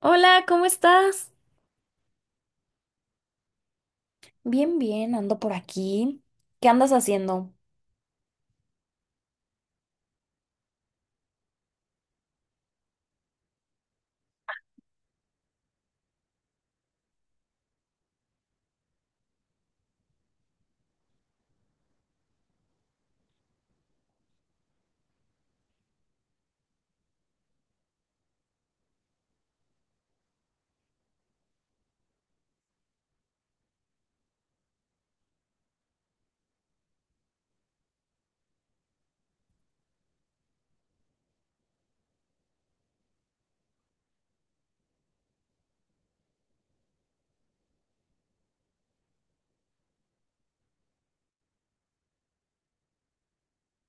Hola, ¿cómo estás? Bien, bien, ando por aquí. ¿Qué andas haciendo?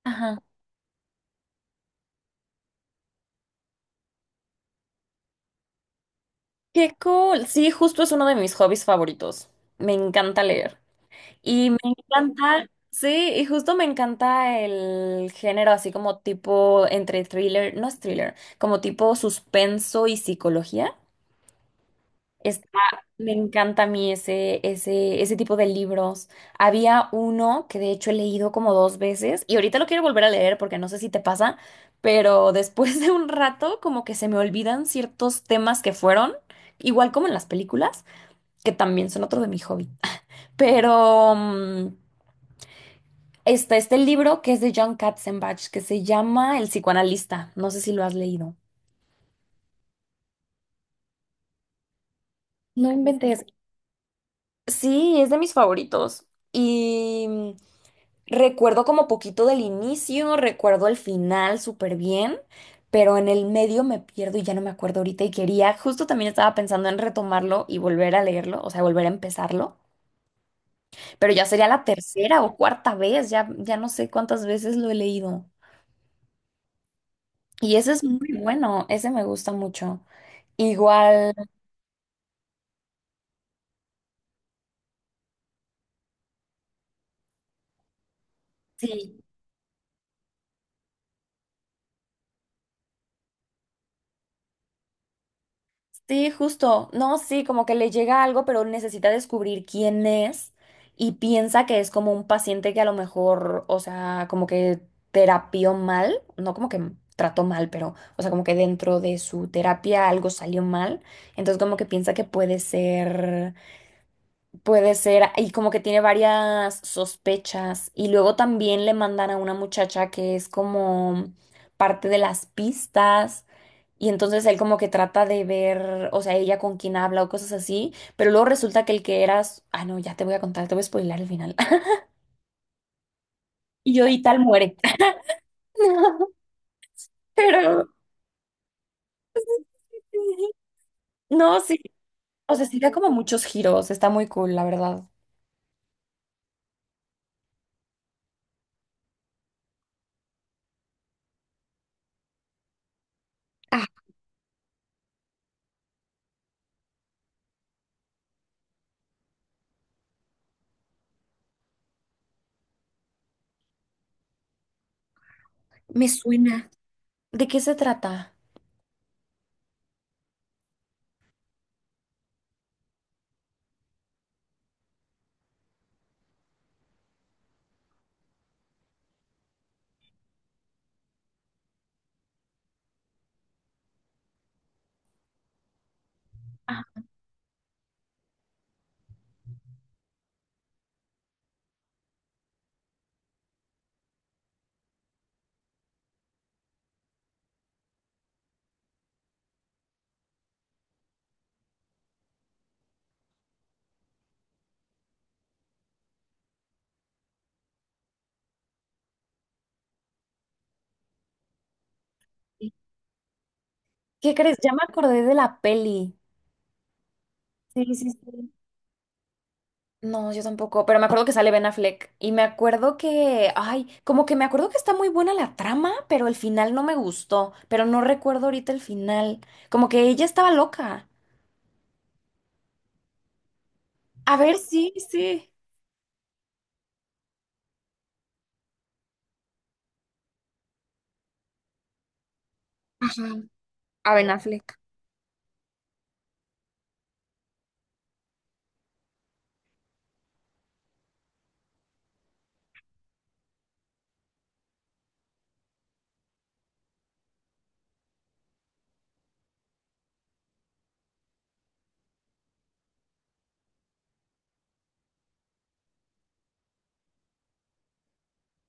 Ajá. Qué cool. Sí, justo es uno de mis hobbies favoritos. Me encanta leer. Y me encanta, sí, y justo me encanta el género así como tipo entre thriller, no es thriller, como tipo suspenso y psicología. Está- Me encanta a mí ese, ese, ese tipo de libros. Había uno que de hecho he leído como dos veces y ahorita lo quiero volver a leer porque no sé si te pasa, pero después de un rato como que se me olvidan ciertos temas que fueron, igual como en las películas, que también son otro de mi hobby. Pero está este libro que es de John Katzenbach que se llama El psicoanalista. No sé si lo has leído. No inventes. Sí, es de mis favoritos. Y recuerdo como poquito del inicio, recuerdo el final súper bien, pero en el medio me pierdo y ya no me acuerdo ahorita y quería, justo también estaba pensando en retomarlo y volver a leerlo, o sea, volver a empezarlo, pero ya sería la tercera o cuarta vez, ya, ya no sé cuántas veces lo he leído. Y ese es muy bueno, ese me gusta mucho. Igual, sí, sí, justo. No, sí, como que le llega algo, pero necesita descubrir quién es y piensa que es como un paciente que a lo mejor, o sea, como que terapió mal, no como que trató mal, pero, o sea, como que dentro de su terapia algo salió mal. Entonces, como que piensa que puede ser. Puede ser, y como que tiene varias sospechas. Y luego también le mandan a una muchacha que es como parte de las pistas. Y entonces él como que trata de ver, o sea, ella con quién habla o cosas así. Pero luego resulta que el que eras, ah, no, ya te voy a contar, te voy a spoilar el final. Y yo y tal muere. No, pero no, sí. O sea, sí da como muchos giros. Está muy cool, la verdad. Me suena. ¿De qué se trata? Ah, sí. ¿Qué crees? Ya me acordé de la peli. Sí, sí, sí. No, yo tampoco, pero me acuerdo que sale Ben Affleck y me acuerdo que, ay, como que me acuerdo que está muy buena la trama, pero el final no me gustó, pero no recuerdo ahorita el final, como que ella estaba loca. A ver, sí, sí. Ajá, a Ben Affleck.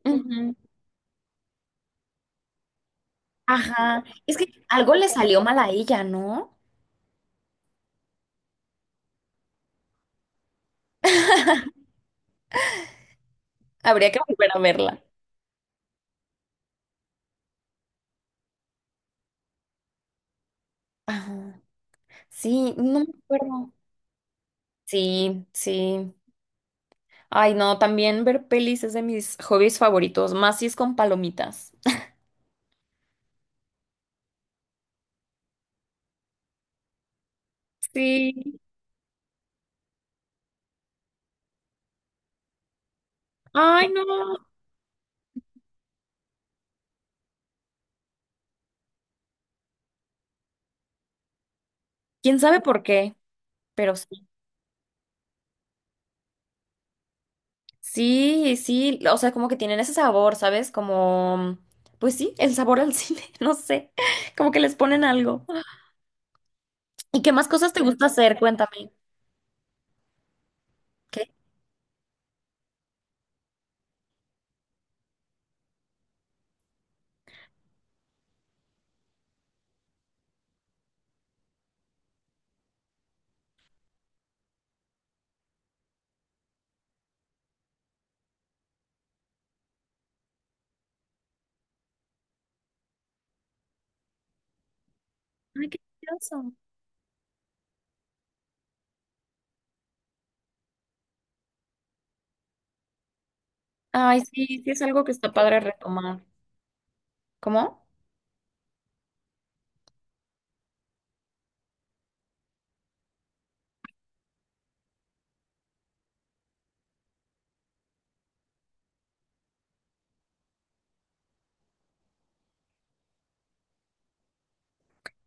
Ujú. Ajá, es que algo le salió mal a ella, ¿no? Habría que volver a verla. Ajá. Sí, no me acuerdo. Sí, sí. Ay, no, también ver pelis es de mis hobbies favoritos, más si es con palomitas. Sí. Ay, no. ¿Quién sabe por qué? Pero sí. Sí, sí, o sea, como que tienen ese sabor, ¿sabes? Como, pues sí, el sabor al cine, no sé, como que les ponen algo. ¿Y qué más cosas te gusta hacer? Cuéntame. ¿Qué? Ay, qué curioso. Ay, sí, sí es algo que está padre retomar. ¿Cómo?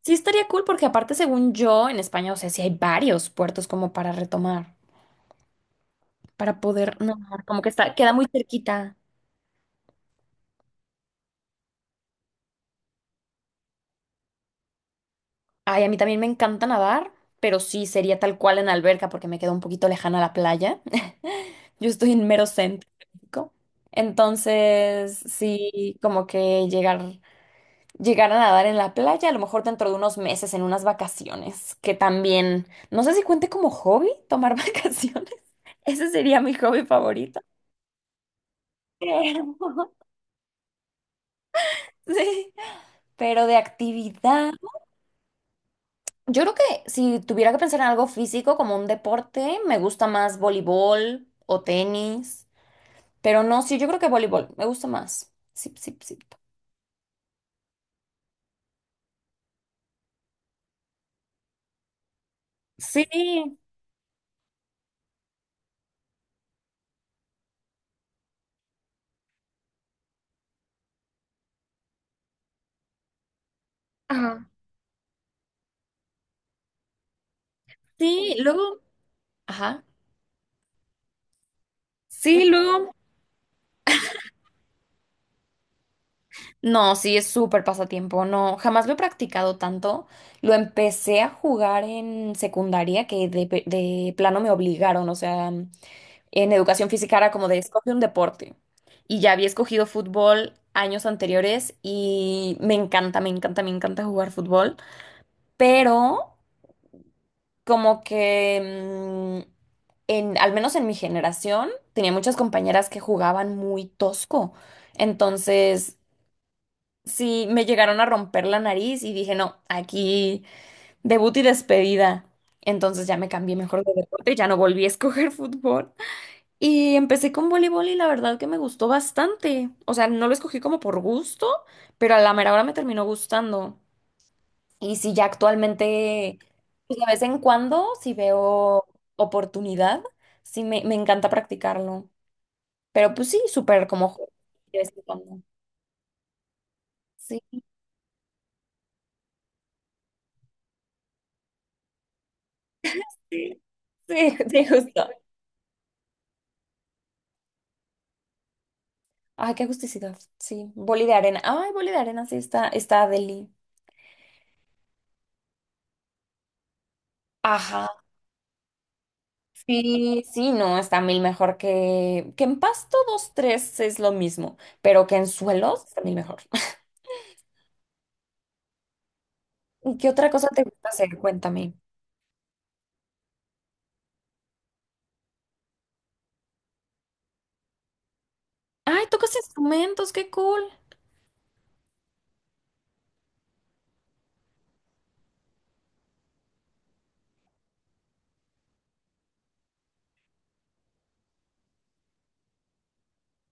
Sí, estaría cool porque aparte, según yo, en España, o sea, sí hay varios puertos como para retomar. Para poder nadar, como que está, queda muy cerquita. Ay, a mí también me encanta nadar, pero sí sería tal cual en alberca porque me quedo un poquito lejana a la playa. Yo estoy en mero centro de México. Entonces, sí, como que llegar, llegar a nadar en la playa, a lo mejor dentro de unos meses, en unas vacaciones, que también, no sé si cuente como hobby tomar vacaciones. Ese sería mi hobby favorito. Pero, sí, pero de actividad. Yo creo que si tuviera que pensar en algo físico como un deporte, me gusta más voleibol o tenis, pero no, sí, yo creo que voleibol me gusta más. Sí, sí, sí. Sí, Ajá. Sí, luego, ajá. Sí, luego. No, sí, es súper pasatiempo. No, jamás lo he practicado tanto. Lo empecé a jugar en secundaria que de, de plano me obligaron. O sea, en educación física era como de escoge un deporte. Y ya había escogido fútbol años anteriores y me encanta, me encanta, me encanta jugar fútbol. Pero como que, mm, en, al menos en mi generación, tenía muchas compañeras que jugaban muy tosco. Entonces, sí, me llegaron a romper la nariz y dije, no, aquí debut y despedida. Entonces ya me cambié mejor de deporte, ya no volví a escoger fútbol. Y empecé con voleibol y la verdad que me gustó bastante. O sea, no lo escogí como por gusto, pero a la mera hora me terminó gustando. Y sí, ya actualmente, pues de vez en cuando, si veo oportunidad, sí me encanta practicarlo. Pero pues sí, de vez en cuando. Sí, sí, sí, sí, justo. Ay, qué agusticidad. Sí, boli de arena. Ay, boli de arena, sí está, está deli. Ajá. Sí, sí, no, está mil mejor que en pasto dos, tres es lo mismo, pero que en suelos está mil mejor. ¿Y qué otra cosa te gusta hacer? Cuéntame. Ay, tocas instrumentos, qué cool.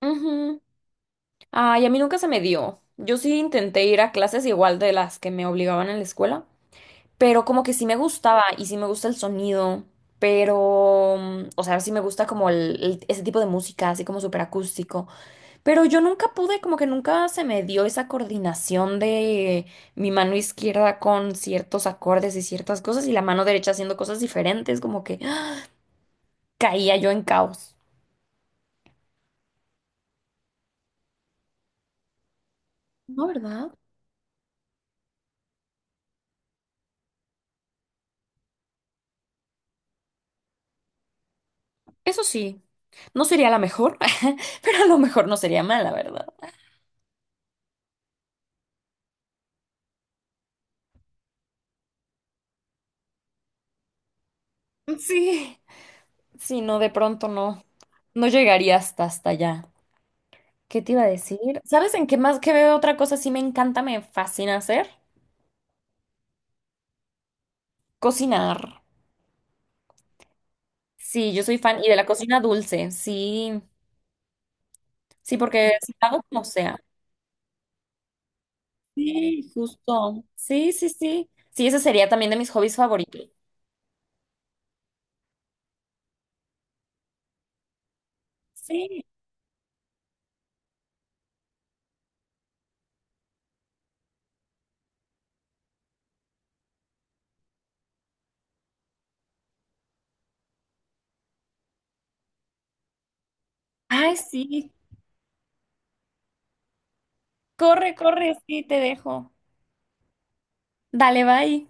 Ujú. Ay, a mí nunca se me dio. Yo sí intenté ir a clases igual de las que me obligaban en la escuela, pero como que sí me gustaba y sí me gusta el sonido, pero, o sea, sí me gusta como el, ese tipo de música, así como súper acústico. Pero yo nunca pude, como que nunca se me dio esa coordinación de mi mano izquierda con ciertos acordes y ciertas cosas y la mano derecha haciendo cosas diferentes, como que ¡ah! Caía yo en caos. No, ¿verdad? Eso sí, no sería la mejor, pero a lo mejor no sería mala, ¿verdad? Sí, sí, no, de pronto no, no llegaría hasta allá. ¿Qué te iba a decir? ¿Sabes en qué más que veo otra cosa sí me encanta, me fascina hacer? Cocinar. Sí, yo soy fan y de la cocina dulce, sí. Sí, porque si pago como sea. Sí, justo. Sí, sí, sí. Sí, ese sería también de mis hobbies favoritos. Sí. Ay, sí. Corre, corre, sí, te dejo. Dale, bye.